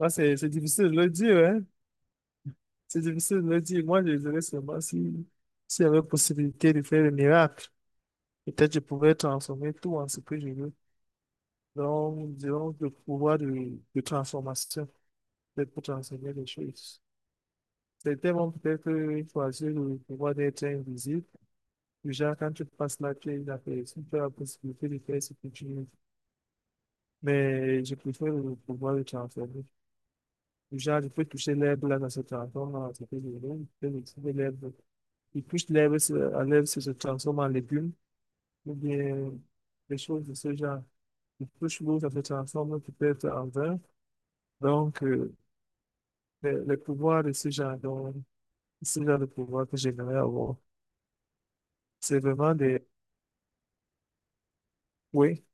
Ah, c'est difficile de le dire, hein? C'est difficile de le dire. Moi, je dirais seulement si, s'il y avait possibilité de faire le miracle, peut-être je pourrais transformer tout en ce que je veux. Donc, disons, le pouvoir de transformation, peut-être pour transformer les choses. Certains vont peut-être choisir le pouvoir d'être invisible. Déjà, quand tu passes la pierre, la personne, tu as la possibilité de faire ce que tu veux. Mais je préfère le pouvoir de transformer. Déjà, je peux toucher l'herbe là, dans ce transforme, dans ce que je veux. Je peux toucher l'herbe. Ils cuisent l'herbe, à l'herbe, ça se transforme en légumes, ou bien des choses de ce genre. Ils touchent l'eau, ça se transforme peut-être en vin. Donc, les pouvoirs de ce genre, donc, ce genre de pouvoir que j'aimerais avoir, c'est vraiment des. Oui.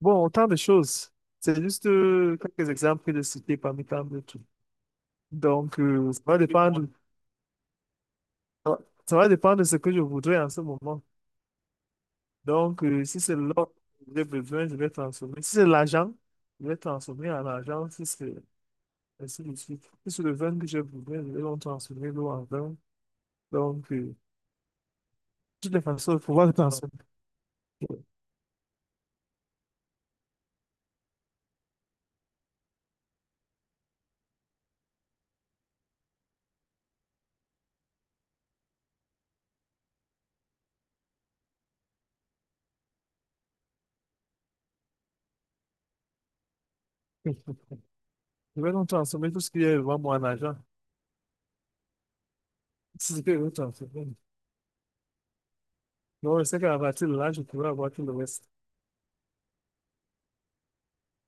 Bon, autant de choses. C'est juste quelques exemples que de citer parmi tant d'autres. Donc, ça va dépendre, ça va ça va dépendre de ce que je voudrais en ce moment. Donc, si c'est l'or que j'ai besoin, je vais transformer. Si c'est l'argent, je vais transformer en argent. Si c'est ainsi de suite. Si c'est le vin que j'ai besoin, je vais donc transformer l'eau en vin. Donc, de toutes les façons, il faut pouvoir transformer. Je vais donc transformer tout ce qui est vraiment moi en argent. Si c'est ce que je vais transformer. Donc, je sais qu'à partir de là, je pourrai avoir tout le reste.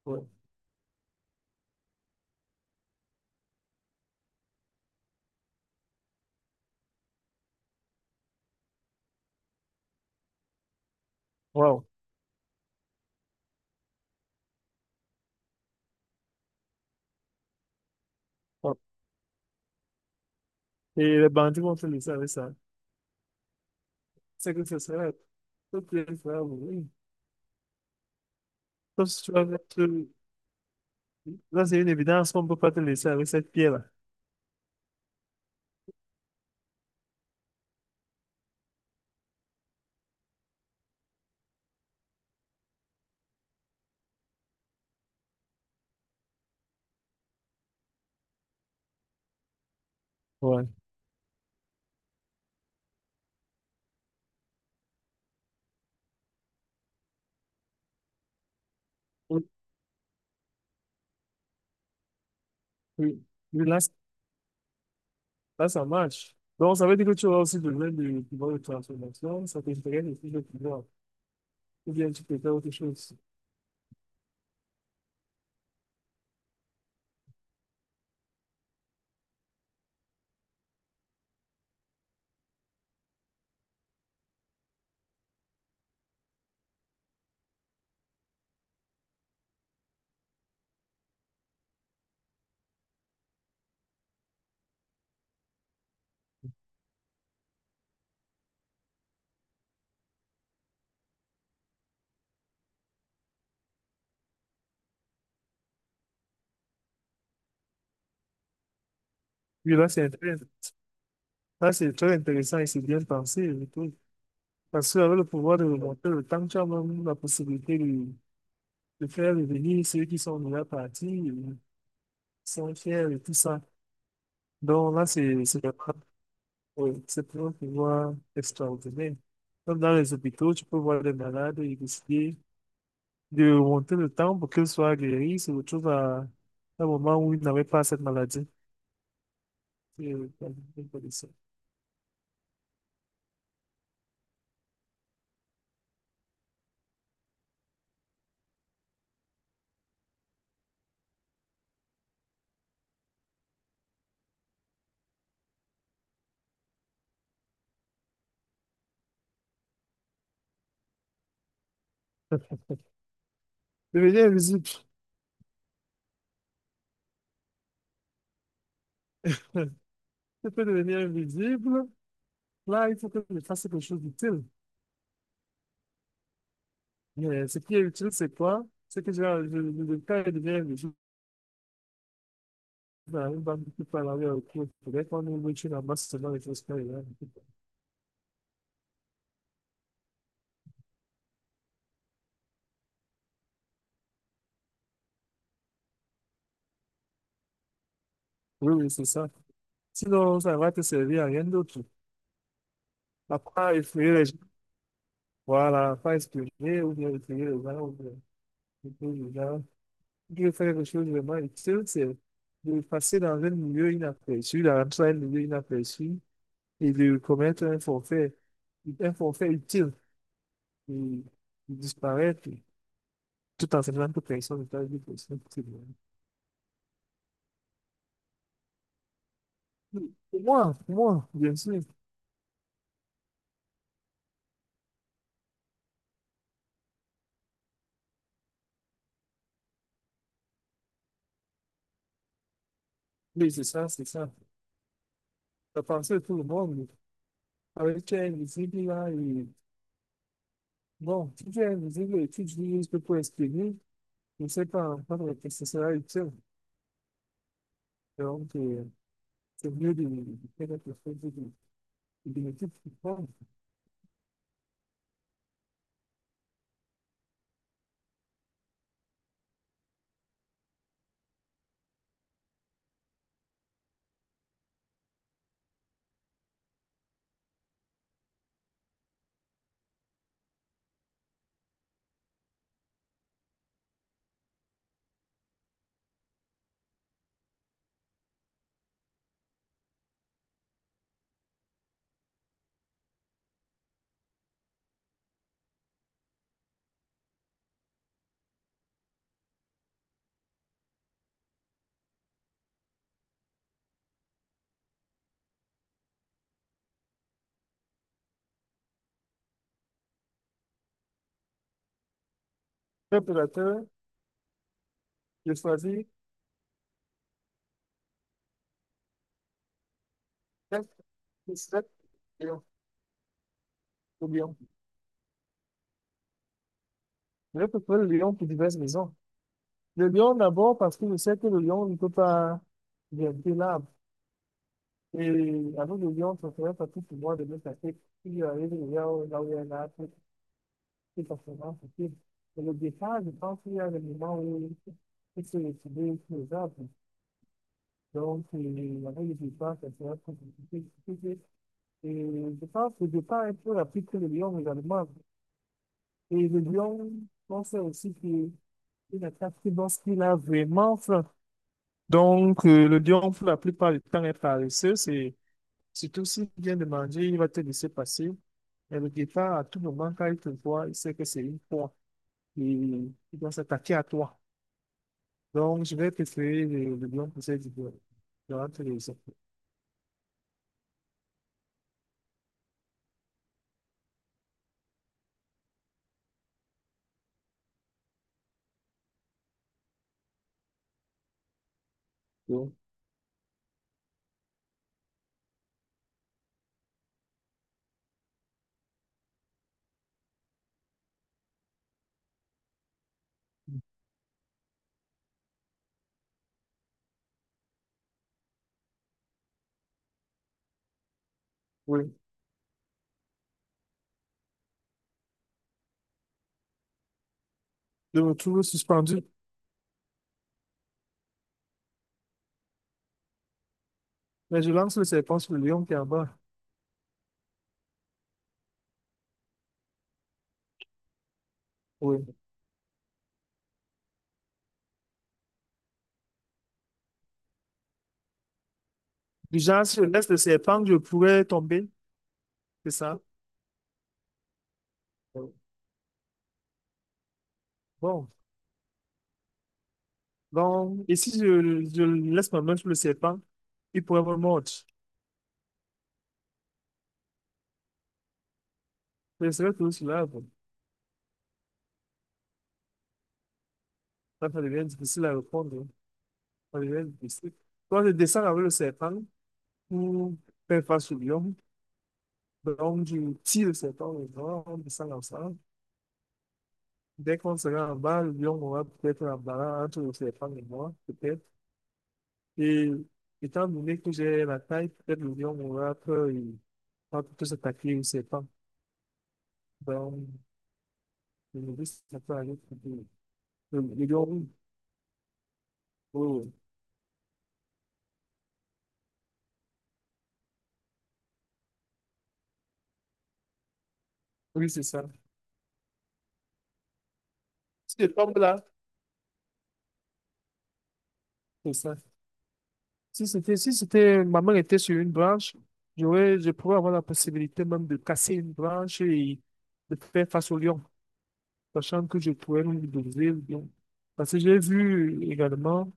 Ouais. Wow. Wow. Et les bandits vont faire ça avec ça. C'est que ce serait tout ce bien faire, oui. Sauf si tu vas mettre. Là, c'est une évidence qu'on ne peut pas te laisser avec cette pierre-là. Ouais. Oui, oui. Oui, là, c-, là, ça marche. Donc, ça veut dire que tu auras aussi besoin de pouvoir de transformation, ça t'intéresse aussi le pouvoir. Ou bien tu peux faire autre chose. Oui, là, c'est intéressant. Là, c'est très intéressant et c'est bien pensé, et tout. Parce que avec le pouvoir de remonter le temps, tu as même la possibilité de faire revenir ceux qui sont déjà partis, sont fiers et tout ça. Donc là, c'est vraiment-, oui, c'est vraiment un pouvoir extraordinaire. Comme dans les hôpitaux, tu peux voir des malades et décider de remonter le temps pour qu'ils soient guéris, se retrouvent à un moment où ils n'avaient pas cette maladie. C'est pas de devenir invisible. Tu peux devenir invisible. Là, il faut que tu fasses quelque chose d'utile. Mais ce qui est utile, c'est quoi? C'est que genre, je, le cas de bien je dans une banque qui parle avec le cours. Peut-être qu'on ouvre une ambasse dans les choses qu'il y a. Oui, oui, c'est ça. Sinon, ça va te servir à rien d'autre. Après, effrayer les gens. Voilà, pas espionner ou bien effrayer les gens. Ou bien, effrayer les gens. Si tu veux faire quelque chose de vraiment utile, c'est de passer dans un milieu inaperçu, d'entrer dans un milieu inaperçu et de commettre un forfait utile, de, de disparaître, tout en sachant que personne n'est avec personne, c'est vrai. Pour moi, bien sûr. Oui, c'est ça, c'est ça. La pensée de tout le monde, avec elle, visible là, et bon, si tu es visible et tu dis juste pour exprimer, je ne sais pas encore que ce sera utile. Donc, c'est mieux de faire quelque chose de bénéfique pour toi. Préparateur, je choisis 4, 7, lions, ou lion. Je peux le lion pour diverses raisons. Le lion d'abord parce que je sais que le lion ne peut pas grimper l'arbre. Et avec le lion, ça serait facile pour moi de me casser. Si j'arrive là où il y a un arbre, c'est forcément facile. Mais le départ, je pense qu'il y a des moments où il se retrouve sur les arbres. Donc, avec le départ, ça serait plus compliqué. Et je pense que le départ est plus rapide que le lion également. Et le lion, on sait aussi qu'il il attaque lorsqu'il a vraiment faim. Donc, le lion, pour la plupart du temps, est paresseux. C'est surtout s'il vient de manger, il va te laisser passer. Et le guépard, à tout moment, quand il te voit, il sait que c'est une proie. Et il doit s'attaquer à toi. Donc, je vais préférer le lion pour cette idée. Je rentre les autres. Donc, oui. Je me trouve suspendu. Mais je lance le serpent sur le lion qui est en bas. Oui. Du genre, si je laisse le serpent, je pourrais tomber. C'est ça? Oui. Bon. Donc, et si je, je laisse ma main sur le serpent, il pourrait me mordre. Mais c'est vrai que sur l'arbre, ça devient difficile à répondre, hein. Ça devient difficile. Toi, tu descends avec le serpent pour faire face au lion. Donc, tu tires le serpent et moi, on descend ensemble. Dès qu'on sera en bas, le lion aura peut-être un barrage entre le serpent et moi, peut-être. Et étant donné que j'ai la taille, peut-être le lion aura peur et va plutôt s'attaquer au serpent. Donc, le novice, ça peut aller plus vite. Le lion, oui, oui, oui, c'est ça. Si tu tombes là, c'est ça. Si c'était, si c'était, ma main était sur une branche, je pourrais avoir la possibilité même de casser une branche et de faire face au lion, sachant que je pourrais lui briser le lion. Parce que j'ai vu également,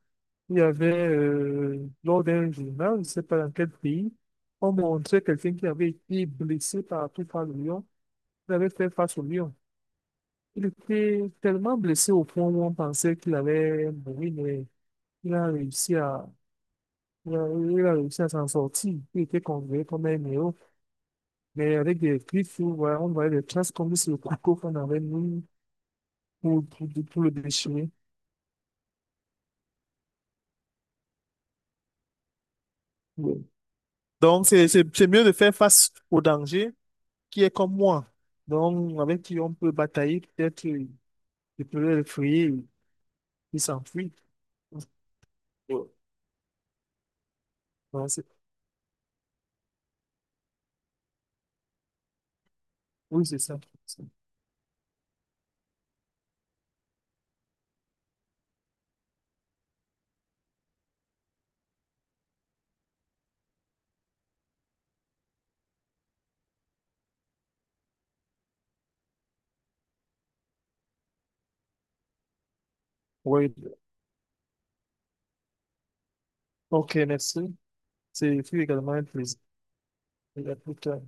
il y avait, lors d'un journal, je ne sais pas dans quel pays, on montrait quelqu'un qui avait été blessé partout par le lion, il avait fait face au lion. Il était tellement blessé au point où on pensait qu'il allait mourir, mais il a réussi. Il a réussi à s'en sortir. Il était considéré comme un héros. Mais avec des griffes, on voyait des traces comme sur le couteau qu'on avait mis pour le déchirer. Ouais. Donc, c'est mieux de faire face au danger qui est comme moi. Donc, avec qui on peut batailler, peut-être, je peux le frayer, il s'enfuit. Ouais. Donc, c'est-, oui, c'est ça. Oui. OK, merci. C'est fut également un plaisir. Et à plus tard.